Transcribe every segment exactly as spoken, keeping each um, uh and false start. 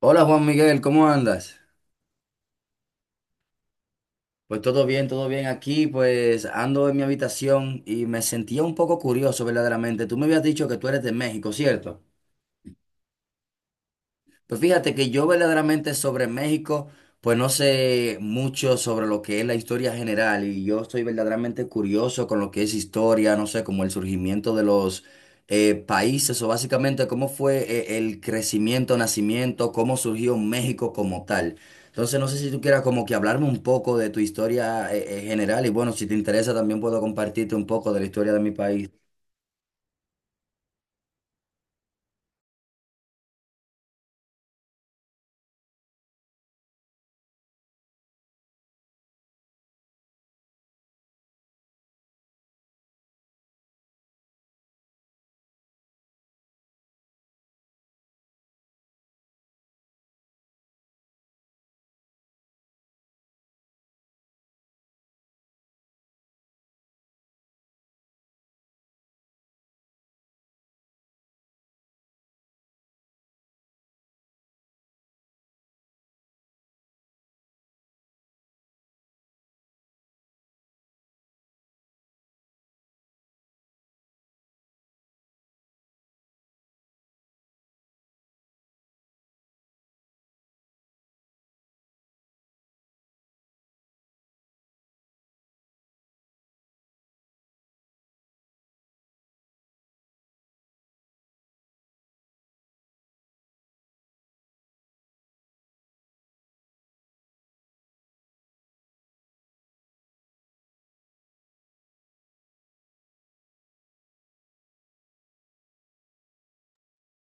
Hola Juan Miguel, ¿cómo andas? Pues todo bien, todo bien aquí, pues ando en mi habitación y me sentía un poco curioso verdaderamente. Tú me habías dicho que tú eres de México, ¿cierto? Pues fíjate que yo verdaderamente sobre México, pues no sé mucho sobre lo que es la historia general y yo estoy verdaderamente curioso con lo que es historia, no sé, como el surgimiento de los eh, países o básicamente cómo fue eh, el crecimiento, nacimiento, cómo surgió México como tal. Entonces no sé si tú quieras como que hablarme un poco de tu historia eh, eh, general y bueno, si te interesa también puedo compartirte un poco de la historia de mi país.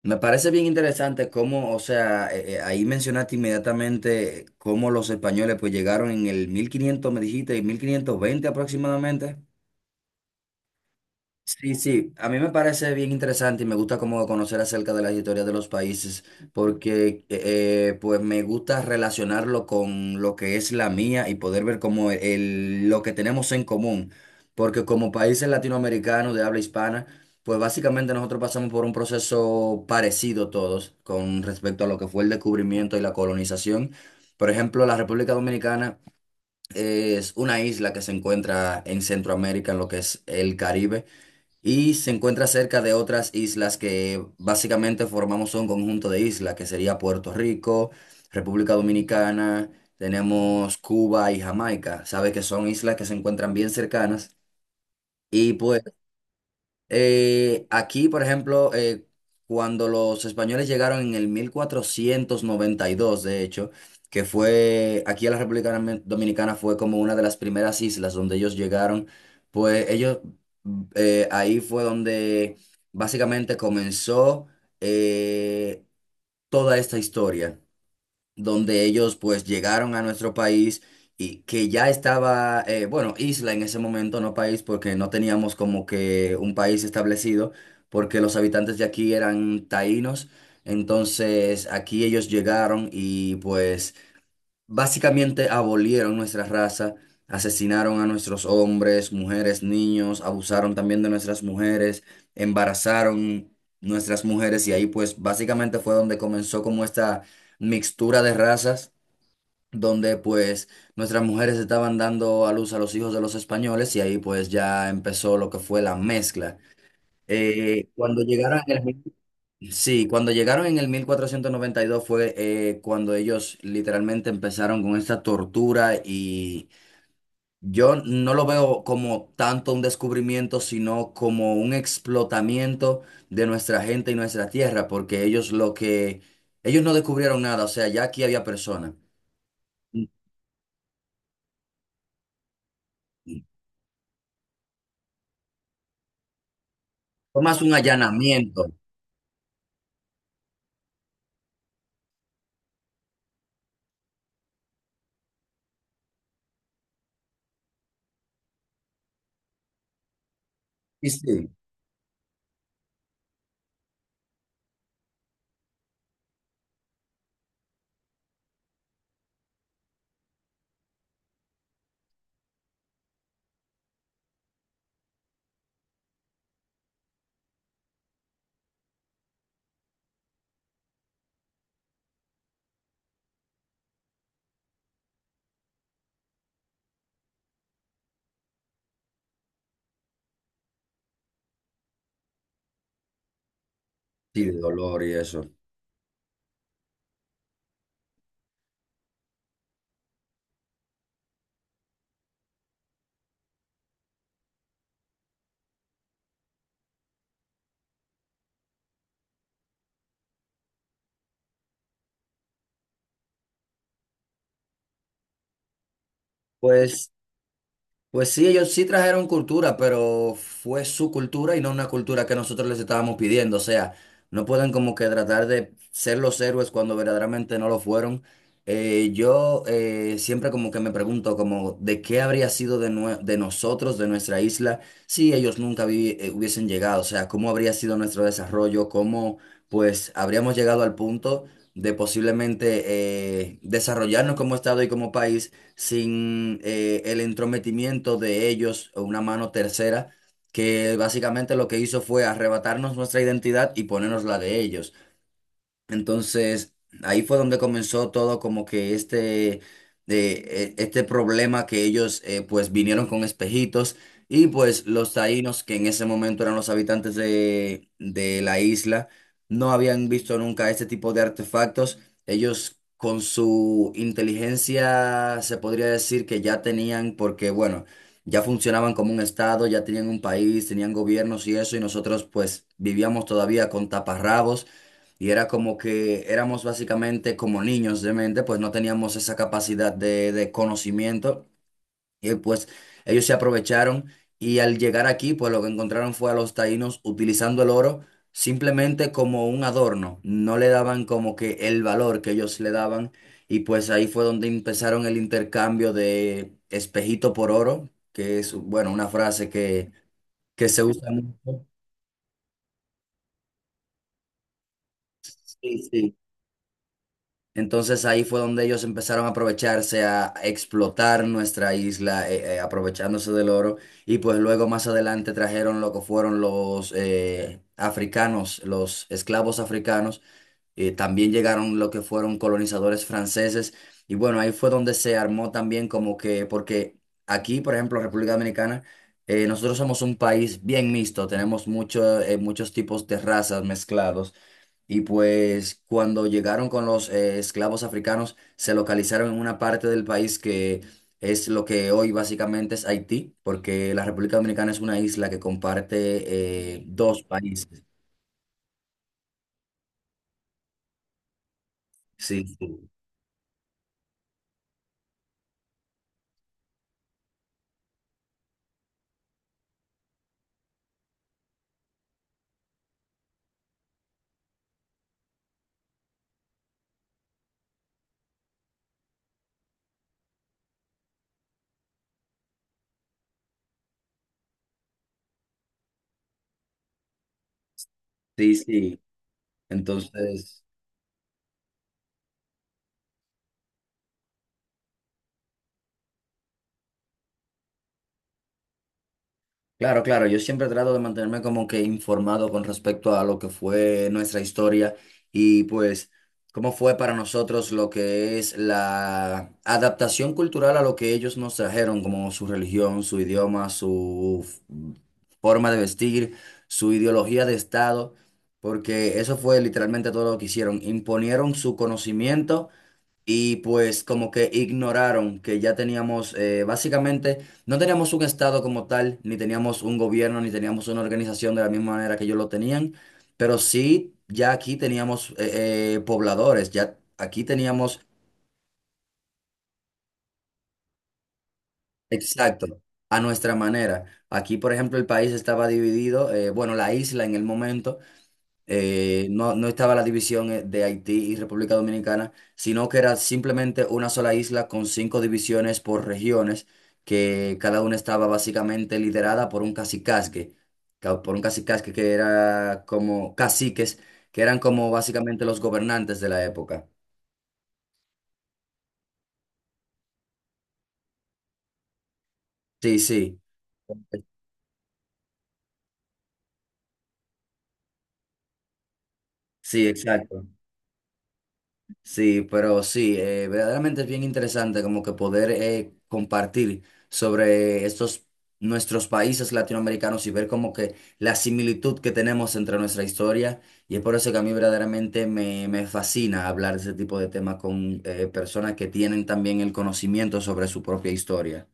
Me parece bien interesante cómo, o sea, eh, eh, ahí mencionaste inmediatamente cómo los españoles pues llegaron en el mil quinientos me dijiste, y mil quinientos veinte aproximadamente. Sí, sí, a mí me parece bien interesante y me gusta como conocer acerca de las historias de los países porque eh, eh, pues me gusta relacionarlo con lo que es la mía y poder ver como el, lo que tenemos en común. Porque como países latinoamericanos de habla hispana, pues básicamente nosotros pasamos por un proceso parecido todos con respecto a lo que fue el descubrimiento y la colonización. Por ejemplo, la República Dominicana es una isla que se encuentra en Centroamérica, en lo que es el Caribe y se encuentra cerca de otras islas que básicamente formamos un conjunto de islas, que sería Puerto Rico, República Dominicana, tenemos Cuba y Jamaica. Sabes que son islas que se encuentran bien cercanas y pues eh, aquí, por ejemplo, eh, cuando los españoles llegaron en el mil cuatrocientos noventa y dos, de hecho, que fue aquí a la República Domin- Dominicana, fue como una de las primeras islas donde ellos llegaron, pues ellos, eh, ahí fue donde básicamente comenzó eh, toda esta historia donde ellos pues llegaron a nuestro país y que ya estaba, eh, bueno, isla en ese momento, no país, porque no teníamos como que un país establecido, porque los habitantes de aquí eran taínos, entonces aquí ellos llegaron y pues... Básicamente abolieron nuestra raza, asesinaron a nuestros hombres, mujeres, niños, abusaron también de nuestras mujeres, embarazaron nuestras mujeres y ahí pues básicamente fue donde comenzó como esta mixtura de razas, donde pues nuestras mujeres estaban dando a luz a los hijos de los españoles y ahí pues ya empezó lo que fue la mezcla. Eh, cuando llegaron... Sí, cuando llegaron en el mil cuatrocientos noventa y dos fue eh, cuando ellos literalmente empezaron con esta tortura y yo no lo veo como tanto un descubrimiento, sino como un explotamiento de nuestra gente y nuestra tierra, porque ellos lo que, ellos no descubrieron nada, o sea, ya aquí había personas. Fue más un allanamiento. Y sí, sí, de dolor y eso. Pues Pues sí, ellos sí trajeron cultura, pero fue su cultura y no una cultura que nosotros les estábamos pidiendo. O sea, no pueden como que tratar de ser los héroes cuando verdaderamente no lo fueron. Eh, yo eh, siempre como que me pregunto como de qué habría sido de, nue- de nosotros, de nuestra isla, si ellos nunca vi- eh, hubiesen llegado. O sea, cómo habría sido nuestro desarrollo, cómo pues habríamos llegado al punto de posiblemente eh, desarrollarnos como estado y como país sin eh, el entrometimiento de ellos o una mano tercera, que básicamente lo que hizo fue arrebatarnos nuestra identidad y ponernos la de ellos. Entonces, ahí fue donde comenzó todo como que este, de, e- este problema que ellos eh, pues vinieron con espejitos y pues los taínos, que en ese momento eran los habitantes de, de la isla, no habían visto nunca este tipo de artefactos. Ellos con su inteligencia se podría decir que ya tenían, porque bueno, ya funcionaban como un estado, ya tenían un país, tenían gobiernos y eso, y nosotros pues vivíamos todavía con taparrabos. Y era como que éramos básicamente como niños de mente, pues no teníamos esa capacidad de, de conocimiento. Y pues ellos se aprovecharon y al llegar aquí, pues lo que encontraron fue a los taínos utilizando el oro simplemente como un adorno. No le daban como que el valor que ellos le daban. Y pues ahí fue donde empezaron el intercambio de espejito por oro, que es, bueno, una frase que, que se usa mucho. Sí, sí. Entonces ahí fue donde ellos empezaron a aprovecharse, a explotar nuestra isla, eh, eh, aprovechándose del oro. Y pues luego más adelante trajeron lo que fueron los eh, africanos, los esclavos africanos. Eh, también llegaron lo que fueron colonizadores franceses. Y bueno, ahí fue donde se armó también como que, porque aquí, por ejemplo, República Dominicana, eh, nosotros somos un país bien mixto, tenemos mucho, eh, muchos tipos de razas mezclados. Y pues cuando llegaron con los eh, esclavos africanos, se localizaron en una parte del país que es lo que hoy básicamente es Haití, porque la República Dominicana es una isla que comparte eh, dos países. Sí, sí, sí. Sí. Entonces... Claro, claro, yo siempre trato de mantenerme como que informado con respecto a lo que fue nuestra historia y pues cómo fue para nosotros lo que es la adaptación cultural a lo que ellos nos trajeron, como su religión, su idioma, su f- forma de vestir, su ideología de Estado, porque eso fue literalmente todo lo que hicieron, imponieron su conocimiento y pues como que ignoraron que ya teníamos, eh, básicamente, no teníamos un estado como tal, ni teníamos un gobierno, ni teníamos una organización de la misma manera que ellos lo tenían, pero sí, ya aquí teníamos eh, eh, pobladores, ya aquí teníamos, exacto, a nuestra manera. Aquí, por ejemplo, el país estaba dividido, eh, bueno, la isla en el momento eh, no, no estaba la división eh, de Haití y República Dominicana, sino que era simplemente una sola isla con cinco divisiones por regiones, que cada una estaba básicamente liderada por un cacicazgue, ca- por un cacicazgue que era como caciques, que eran como básicamente los gobernantes de la época. Sí, sí, sí, exacto. Sí, pero sí, eh, verdaderamente es bien interesante como que poder eh, compartir sobre estos nuestros países latinoamericanos y ver como que la similitud que tenemos entre nuestra historia y es por eso que a mí verdaderamente me, me fascina hablar de ese tipo de temas con eh, personas que tienen también el conocimiento sobre su propia historia.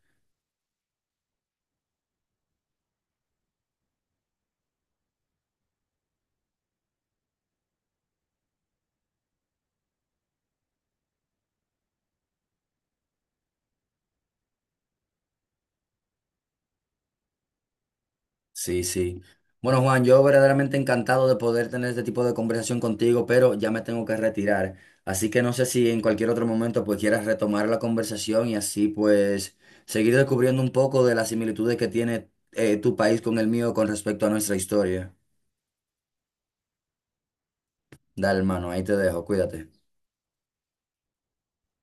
Sí, sí. Bueno, Juan, yo verdaderamente encantado de poder tener este tipo de conversación contigo, pero ya me tengo que retirar. Así que no sé si en cualquier otro momento pues quieras retomar la conversación y así pues seguir descubriendo un poco de las similitudes que tiene eh, tu país con el mío con respecto a nuestra historia. Dale, hermano, ahí te dejo, cuídate.